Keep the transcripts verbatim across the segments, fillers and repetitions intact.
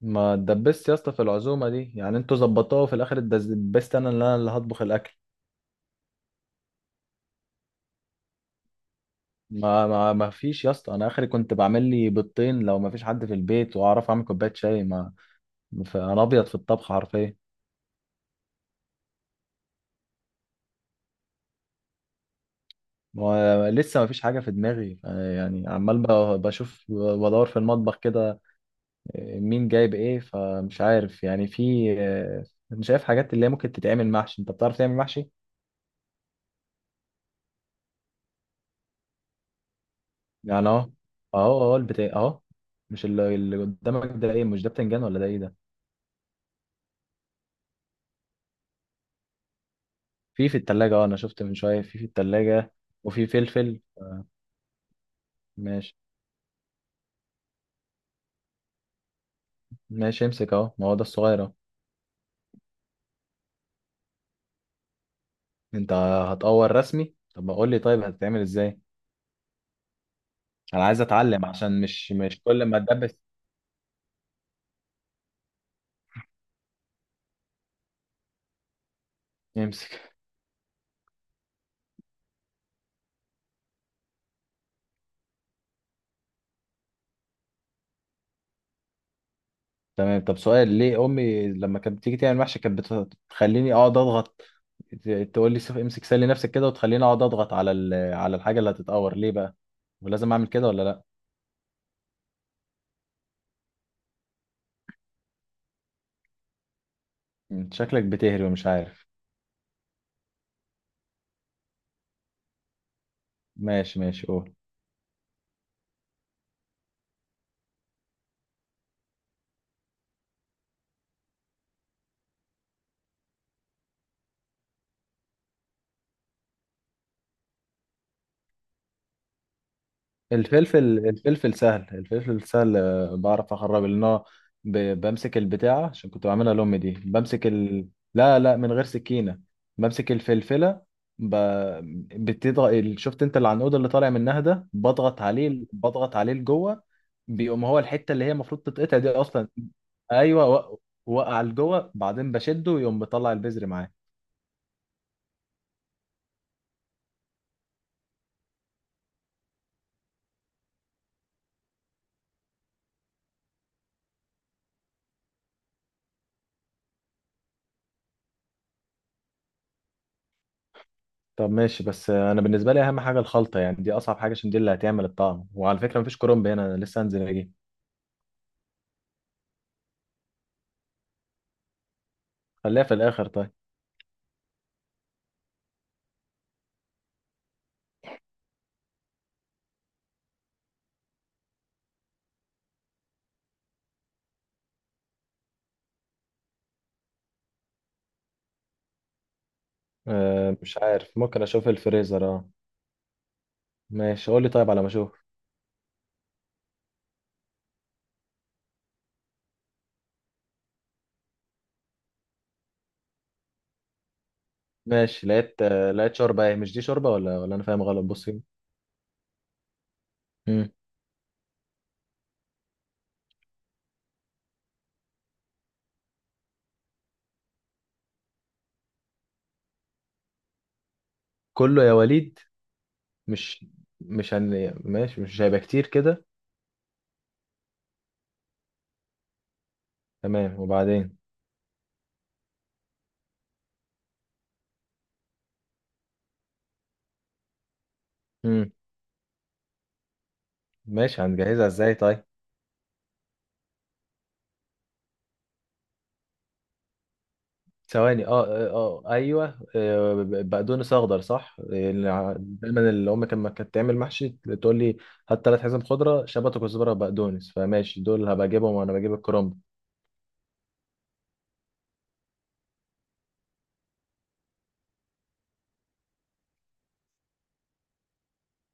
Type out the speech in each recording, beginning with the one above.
ما اتدبست يا اسطى في العزومه دي، يعني انتوا ظبطوها وفي الاخر اتدبست انا اللي انا اللي هطبخ الاكل. ما ما ما فيش يا اسطى، انا اخري كنت بعمل لي بيضتين لو ما فيش حد في البيت، واعرف اعمل كوبايه شاي. ما ف- انا ابيض في الطبخ حرفيا. ولسه ما فيش حاجه في دماغي، يعني عمال ب- بشوف بدور في المطبخ كده، مين جايب ايه، فمش عارف يعني في. انا شايف حاجات اللي هي ممكن تتعمل محشي. انت بتعرف تعمل محشي؟ يعني اهو اهو اهو البتاع اهو. مش اللي اللي قدامك ده ايه؟ مش ده بتنجان ولا ده ايه ده؟ في في التلاجة، اه انا شفت من شوية في في التلاجة، وفي فلفل. ماشي، ماشي، امسك اهو، ما هو ده الصغير اهو. انت هتقور رسمي؟ طب ما قول لي طيب، هتتعمل ازاي؟ انا عايز اتعلم عشان مش مش كل ما اتدبس. امسك. تمام، طب سؤال: ليه امي لما كانت بتيجي تعمل محشي كانت بت- بتخليني اقعد اضغط؟ ت- تقول لي سيب- امسك سلي نفسك كده، وتخليني اقعد اضغط على ال- على الحاجة اللي هتتقور؟ ليه بقى؟ ولازم اعمل كده ولا لا؟ انت شكلك بتهري ومش عارف. ماشي، ماشي، قول. الفلفل، الفلفل سهل، الفلفل سهل، آه، بعرف اخرب، لان هو ب- بمسك البتاعة، عشان كنت بعملها لأمي دي، بمسك ال... لا، لا، من غير سكينة، بمسك الفلفلة، ب... بتضغط ال- شفت انت العنقود اللي طالع منها ده، بضغط عليه، بضغط عليه لجوه، بيقوم هو الحتة اللي هي المفروض تتقطع دي اصلا، ايوه، وق- وقع لجوه، بعدين بشده يقوم مطلع البذر معاه. طب ماشي، بس انا بالنسبه لي اهم حاجه الخلطه، يعني دي اصعب حاجه، عشان دي اللي هتعمل الطعم. وعلى فكره مفيش كرنب هنا، انا لسه هنزل اجيب. خليها في الاخر طيب. أه، مش عارف، ممكن اشوف الفريزر. اه، ماشي، قول لي طيب، على ما اشوف. ماشي، لقيت، آه، لقيت شوربه. ايه؟ مش دي شوربه ولا ولا انا فاهم غلط؟ بص هنا. مم. كله يا وليد؟ مش مش هن ماشي، مش هيبقى كتير كده؟ تمام، وبعدين؟ مم. ماشي، هنجهزها ازاي طيب؟ ثواني، اه، اه، آه، ايوه، آه، بقدونس اخضر صح؟ آه، اللي ع- دايما اللي امي كان- لما كانت تعمل محشي تقول لي: هات ثلاث حزم خضره، شبت وكزبره وبقدونس. فماشي، دول هبقى اجيبهم وانا بجيب الكرنب.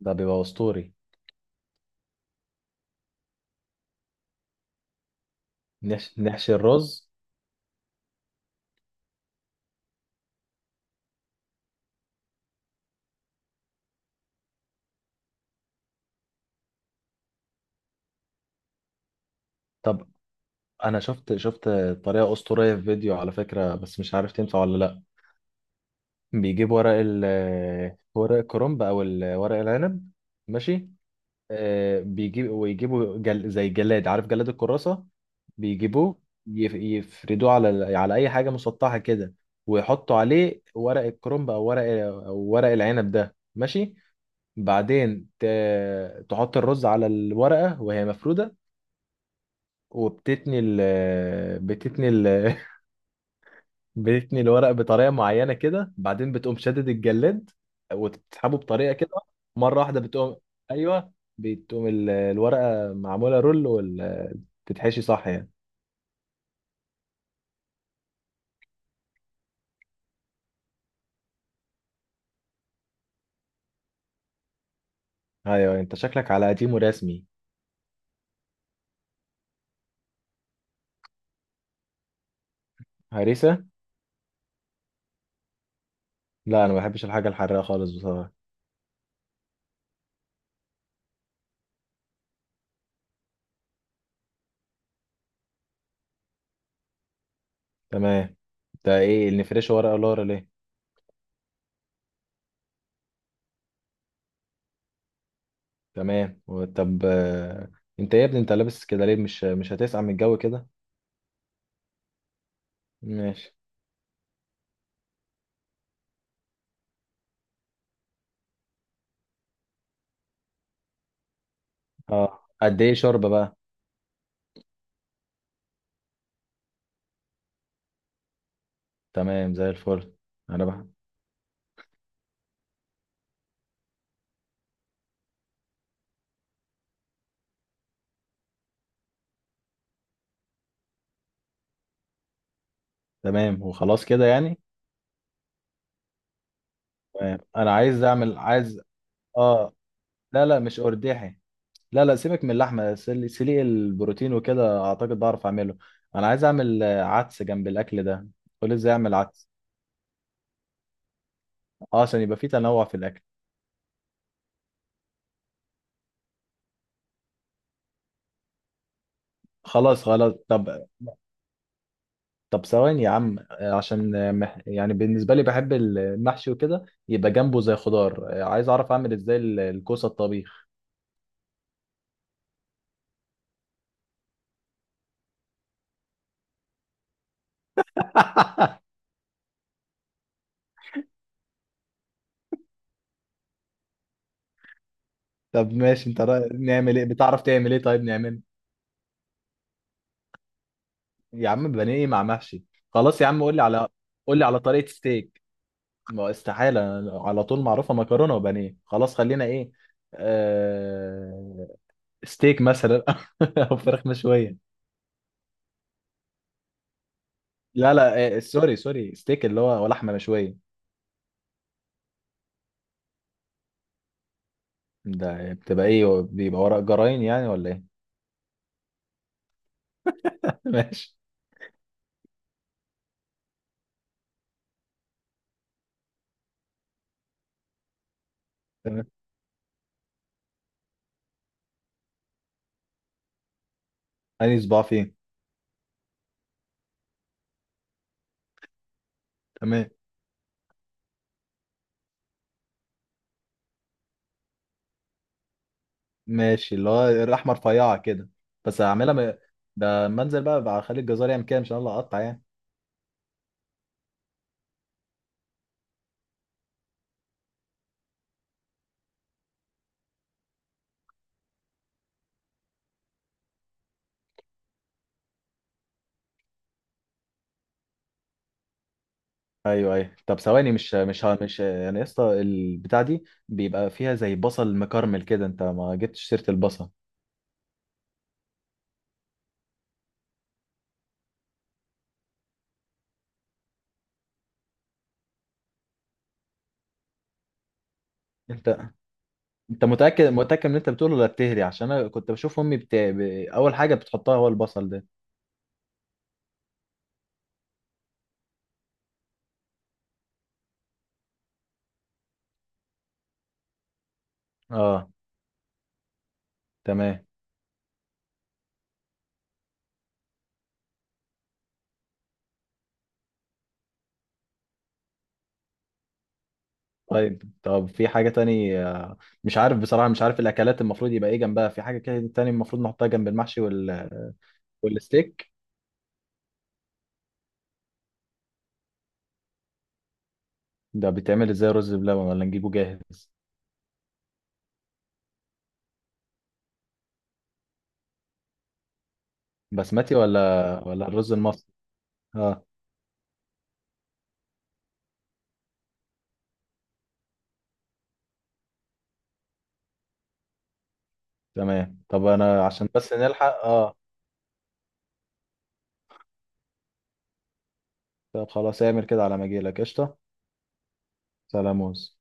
ده بيبقى اسطوري. نحشي, نحشي الرز. طب انا شفت، شفت طريقه اسطوريه في فيديو على فكره، بس مش عارف تنفع ولا لا. بيجيب ورق ال آه، ورق الكرنب او ال- ورق العنب. ماشي، آه، بيجيب، ويجيبوا جل... زي جلاد، عارف جلاد الكراسة؟ بيجيبوه، يف... يفردوه على ال- على أي حاجة مسطحة كده، ويحطوا عليه ورق الكرنب أو ورق أو ورق العنب ده، ماشي. بعدين ت... تحط الرز على الورقة وهي مفرودة، وبتتني ال... بتتني ال... بتثني الورق بطريقه معينه كده، بعدين بتقوم شادد الجلاد، وتسحبه بطريقه كده، مره واحده بتقوم. ايوه، بتقوم ال- الورقه معموله رول، وال تتحشي صح يعني. ايوه انت شكلك على قديم ورسمي. هريسه. لا، انا ما بحبش الحاجه الحراقه خالص بصراحه. تمام. ده ايه اللي نفرشه؟ ورقه لورا ليه؟ تمام و- طب، آه، انت يا ابني انت لابس كده ليه؟ مش مش هتسقع من الجو كده؟ ماشي. اه، قد ايه شوربه بقى؟ تمام زي الفل. انا بح... تمام، وخلاص كده يعني؟ تمام، انا عايز اعمل، عايز. اه. لا، لا، مش ارداحي. لا، لا، سيبك من اللحمه، سل- سليق البروتين وكده اعتقد بعرف اعمله. انا عايز اعمل، آه، عدس جنب الاكل ده. قول ازاي اعمل عدس. اه، عشان يبقى فيه تنوع في الاكل. خلاص، خلاص، طب، طب ثواني يا عم، آه، عشان آه، مح- يعني بالنسبه لي بحب المحشي وكده، يبقى جنبه زي خضار، آه، عايز اعرف اعمل ازاي ال- الكوسه الطبيخ. طب ماشي، انت رأي... نعمل ايه؟ بتعرف تعمل ايه طيب نعمله؟ يا عم بانيه إيه مع محشي؟ خلاص يا عم قول لي على، قول لي على طريقة ستيك، ما استحالة على طول معروفة مكرونة وبانيه. خلاص خلينا ايه آه... ستيك مثلا. او فراخ مشوية. لا، لا، آه... سوري، سوري، ستيك اللي هو هو لحمة مشوية. ده بتبقى ايه؟ بيبقى ورق جراين يعني ولا ايه؟ ماشي. تمام. انهي صباع فين؟ تمام. ماشي، اللي هو اللحمة رفيعة كده. بس هعملها م... ده منزل، بقى بقى اخلي الجزار يعمل كده، مش انا اللي اقطع يعني. ايوه، ايوه، طب ثواني، مش مش ه- مش يعني، يا اسطى البتاع دي بيبقى فيها زي بصل مكرمل كده، انت ما جبتش سيره البصل. انت انت متاكد متاكد من اللي انت بتقوله ولا بتهري؟ عشان انا كنت بشوف امي بت... ب... اول حاجه بتحطها هو البصل ده. اه. تمام. طيب، طب في حاجه تاني، آه، مش عارف بصراحه، مش عارف الاكلات المفروض يبقى ايه جنبها، في حاجه كده تاني المفروض نحطها جنب المحشي وال... والستيك؟ ده بيتعمل ازاي، رز بلبن ولا نجيبه جاهز؟ بسمتي ولا ولا الرز المصري؟ اه. تمام، طب انا عشان بس نلحق. اه، طب خلاص، اعمل كده على ما اجيلك قشطه. سلاموز.